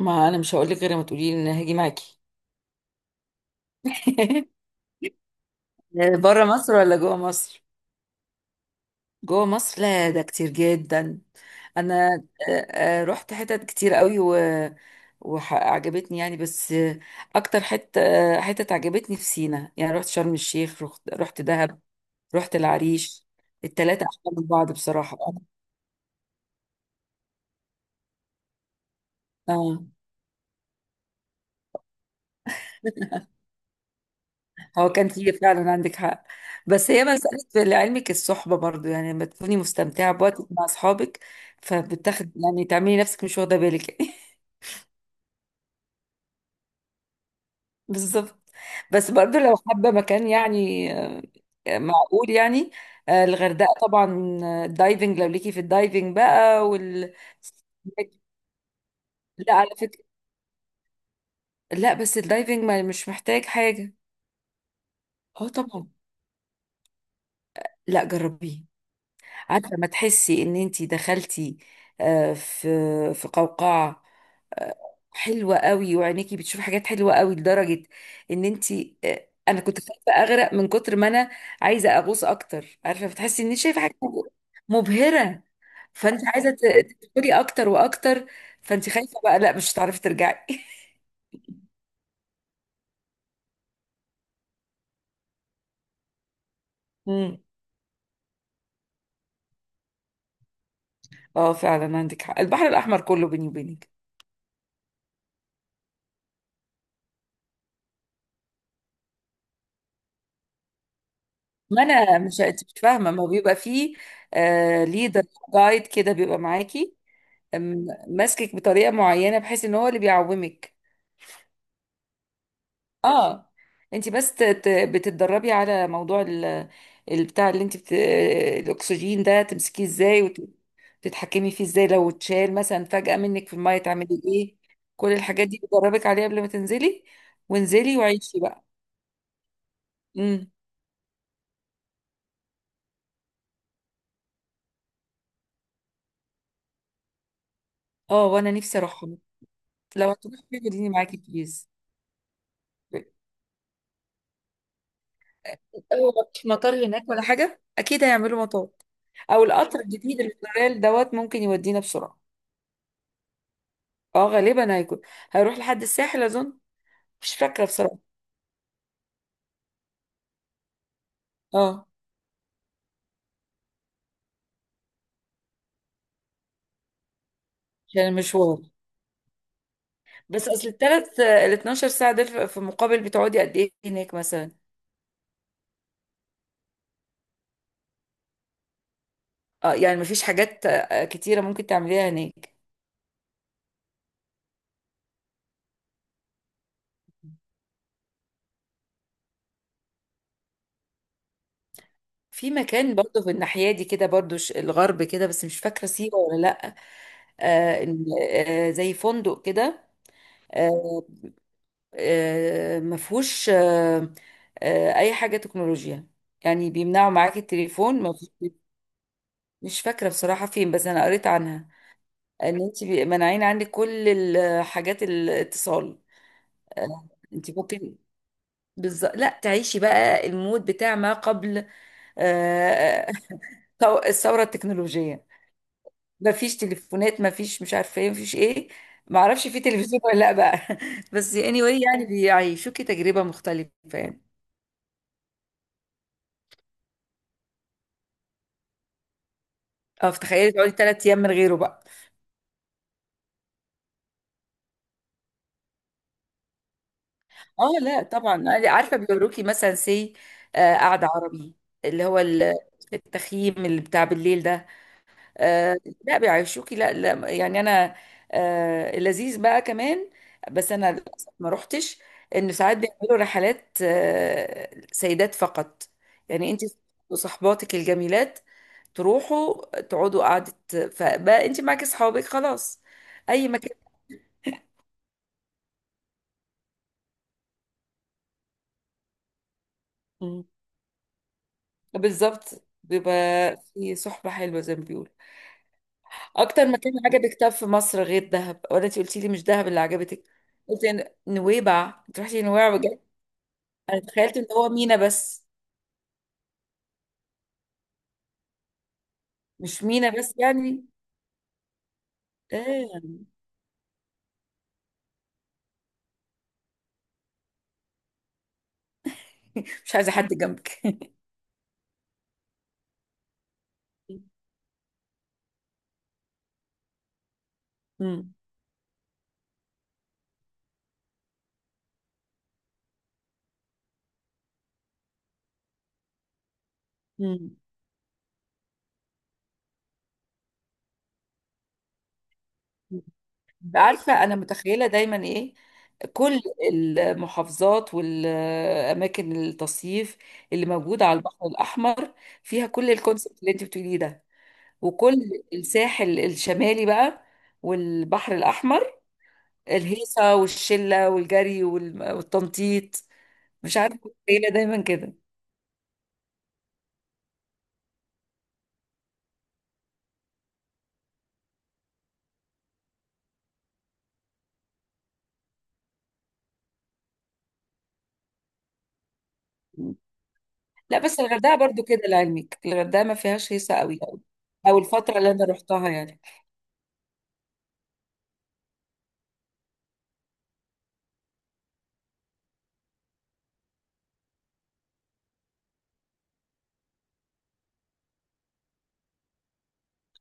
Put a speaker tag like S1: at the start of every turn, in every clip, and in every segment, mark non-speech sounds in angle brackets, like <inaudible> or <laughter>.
S1: ما انا مش هقول لك غير ما تقولي لي ان أنا هاجي معاكي. <laughs> بره مصر ولا جوه مصر؟ جوه مصر، لا ده كتير جدا. انا رحت حتت كتير قوي و وعجبتني يعني، بس اكتر حته حتت عجبتني في سينا. يعني رحت شرم الشيخ، رحت دهب، رحت العريش. التلاتة احلى من بعض بصراحه. اه هو كان فيه فعلا، عندك حق. بس هي مسألة، لعلمك الصحبة برضو يعني، لما تكوني مستمتعة بوقتك مع أصحابك فبتاخد يعني، تعملي نفسك مش واخدة بالك <laughs> يعني. بالظبط. بس برضو لو حابة مكان يعني، معقول يعني. الغردقة طبعا. الدايفنج لو ليكي في الدايفنج بقى وال. لا على فكرة، لا بس الدايفنج ما مش محتاج حاجة. اه طبعا، لا جربيه. عارفه، ما تحسي ان انتي دخلتي آه، في في قوقعه. آه، حلوه قوي، وعينيكي بتشوف حاجات حلوه قوي، لدرجه ان انتي انا كنت خايفه اغرق من كتر ما انا عايزه اغوص اكتر. عارفه، بتحسي ان انت شايفه حاجه مبهره. فانت عايزه تدخلي اكتر واكتر. فانت خايفه بقى، لا مش هتعرفي ترجعي <laughs> مم. اه فعلا عندك حق، البحر الاحمر كله بيني وبينك. ما انا مش، انت مش فاهمه، ما هو بيبقى فيه ليدر، جايد كده بيبقى معاكي، ماسكك بطريقه معينه بحيث ان هو اللي بيعومك. اه انت بس بتتدربي على موضوع البتاع اللي انت الاكسجين ده، تمسكيه ازاي وتتحكمي فيه ازاي، لو اتشال مثلا فجاه منك في الميه تعملي ايه. كل الحاجات دي بتدربك عليها قبل ما تنزلي، وانزلي وعيشي بقى. امم. اه وانا نفسي اروح. لو هتروحي خديني معاكي بليز. أول ما مفيش مطار هناك ولا حاجة، أكيد هيعملوا مطار. أو القطر الجديد اللي طالع دوت ممكن يودينا بسرعة. اه غالبا هيكون، هيروح لحد الساحل اظن. مش فاكره بصراحه. اه عشان المشوار. بس اصل ال 12 ساعه دول، في مقابل بتقعدي قد ايه هناك مثلا. اه يعني مفيش حاجات كتيره ممكن تعمليها هناك. في مكان برضه في الناحيه دي كده، برضه الغرب كده، بس مش فاكره سيوه ولا لا. آه إن- زي فندق كده. آه مفهوش اي حاجه تكنولوجيا، يعني بيمنعوا معاك التليفون، مفهوش. مش فاكرة بصراحة فين، بس أنا قريت عنها إن أنت مانعين عندك كل الحاجات الاتصال. آه، أنت ممكن، بالظبط، لا تعيشي بقى المود بتاع ما قبل آه، <laughs> الثورة التكنولوجية. مفيش تليفونات، مفيش، مش عارفة إيه، مفيش إيه. معرفش في تلفزيون ولا لأ بقى <laughs> بس anyway يعني بيعيشوكي تجربة مختلفة يعني. اه فتخيلي تقعدي 3 أيام من غيره بقى. اه لا طبعا، عارفه بيوروكي مثلا سي آه، قعده عربي، اللي هو التخييم اللي بتاع بالليل ده. آه، لا بيعيشوكي، لا لا، يعني انا لذيذ بقى كمان. بس انا للاسف ما روحتش. ان ساعات بيعملوا رحلات سيدات فقط. يعني انت وصحباتك الجميلات تروحوا تقعدوا قعدة، فبقى انت معاكي اصحابك خلاص اي مكان. مم. بالظبط، بيبقى في صحبة حلوة زي ما بيقولوا. اكتر مكان عجبك طب في مصر غير دهب؟ ولا انت قلتي لي مش دهب اللي عجبتك؟ قلت نويبع، انت رحتي نويبع بجد؟ انا تخيلت ان هو مينا بس. مش مينا بس يعني. آه. <laughs> مش عايزه حد جنبك <laughs> مم. مم. عارفه انا متخيله دايما ايه؟ كل المحافظات والاماكن التصيف اللي موجوده على البحر الاحمر فيها كل الكونسبت اللي انت بتقوليه ده. وكل الساحل الشمالي بقى والبحر الاحمر، الهيصة والشلة والجري والتنطيط. مش عارفة قليلة دايما كده. لا بس الغردقة برضو كده لعلمك، الغردقة ما فيهاش هيصة قوي، أو الفترة اللي أنا روحتها يعني.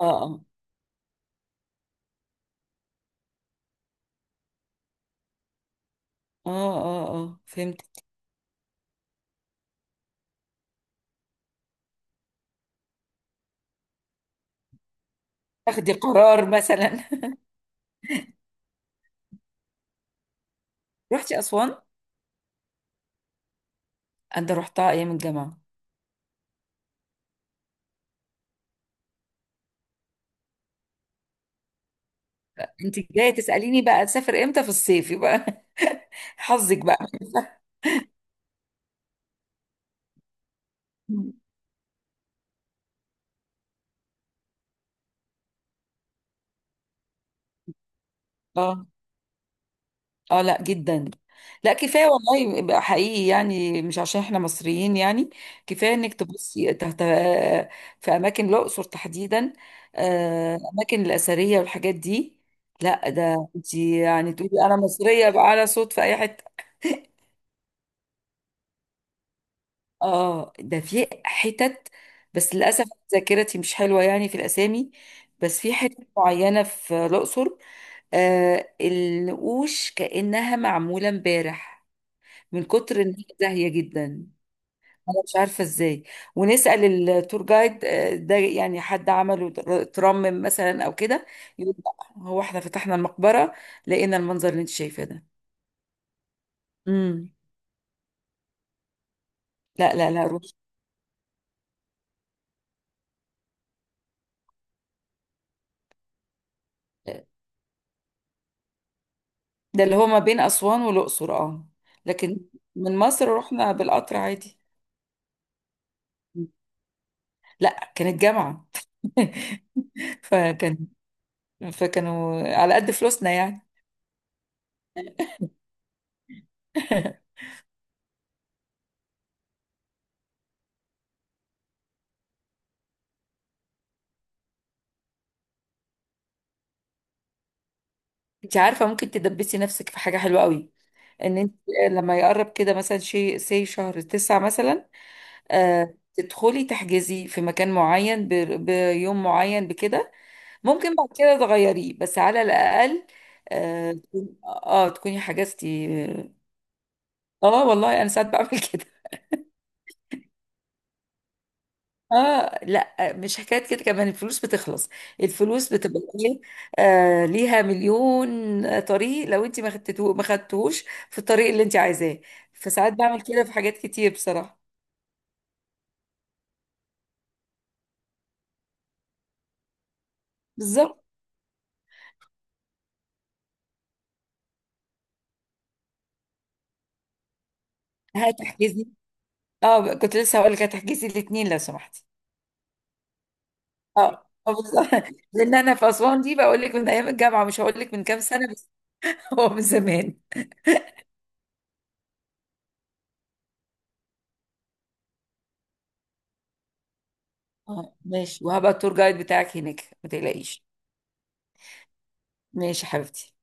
S1: اه، اه، اه، اه، اه، فهمت. تاخدي قرار مثلا. <laughs> رحتي أسوان؟ أنا روحتها أيام الجامعة. أنت جاية تسأليني بقى تسافر إمتى، في الصيف يبقى <laughs> حظك بقى <laughs> اه، اه، لا جدا. لا كفايه والله بقى حقيقي، يعني مش عشان احنا مصريين يعني. كفايه انك تبصي تحت في اماكن الاقصر تحديدا، اماكن الاثريه والحاجات دي. لا ده انت يعني تقولي انا مصريه بقى على صوت في اي حته. <laughs> اه ده في حتت. بس للاسف ذاكرتي مش حلوه يعني في الاسامي. بس في حتت معينه في الاقصر النقوش كانها معموله امبارح، من كتر ان هي زاهيه جدا. انا مش عارفه ازاي. ونسال التور جايد ده يعني حد عمله ترمم مثلا او كده. يقول لأ، هو احنا فتحنا المقبره لقينا المنظر اللي انت شايفاه ده. امم. لا لا لا، روح. ده اللي هو ما بين اسوان والاقصر، اه. لكن من مصر رحنا بالقطر عادي. مم. لا كانت جامعه <laughs> فكان فكانوا على قد فلوسنا يعني. <laughs> انت عارفه ممكن تدبسي نفسك في حاجه حلوه قوي، ان انت لما يقرب كده مثلا شيء سي شهر تسعة مثلا، تدخلي تحجزي في مكان معين بيوم معين بكده. ممكن بعد كده تغيريه، بس على الاقل اه تكوني حجزتي. اه والله انا ساعات بعمل <laughs> كده. اه لا مش حكايه كده، كمان الفلوس بتخلص، الفلوس بتبقى ايه؟ ليها مليون طريق، لو انت ما خدتوش في الطريق اللي انت عايزاه. فساعات بعمل كده في حاجات كتير بصراحه. بالظبط. هتحجزي، اه كنت لسه هقول لك هتحجزي الاثنين لو سمحتي. اه بالظبط <laughs> لان انا في اسوان دي بقول لك من ايام الجامعه، مش هقول لك من كام سنه بس <laughs> هو من زمان. اه ماشي، وهبقى التور جايد بتاعك هناك ما تقلقيش. ماشي يا حبيبتي.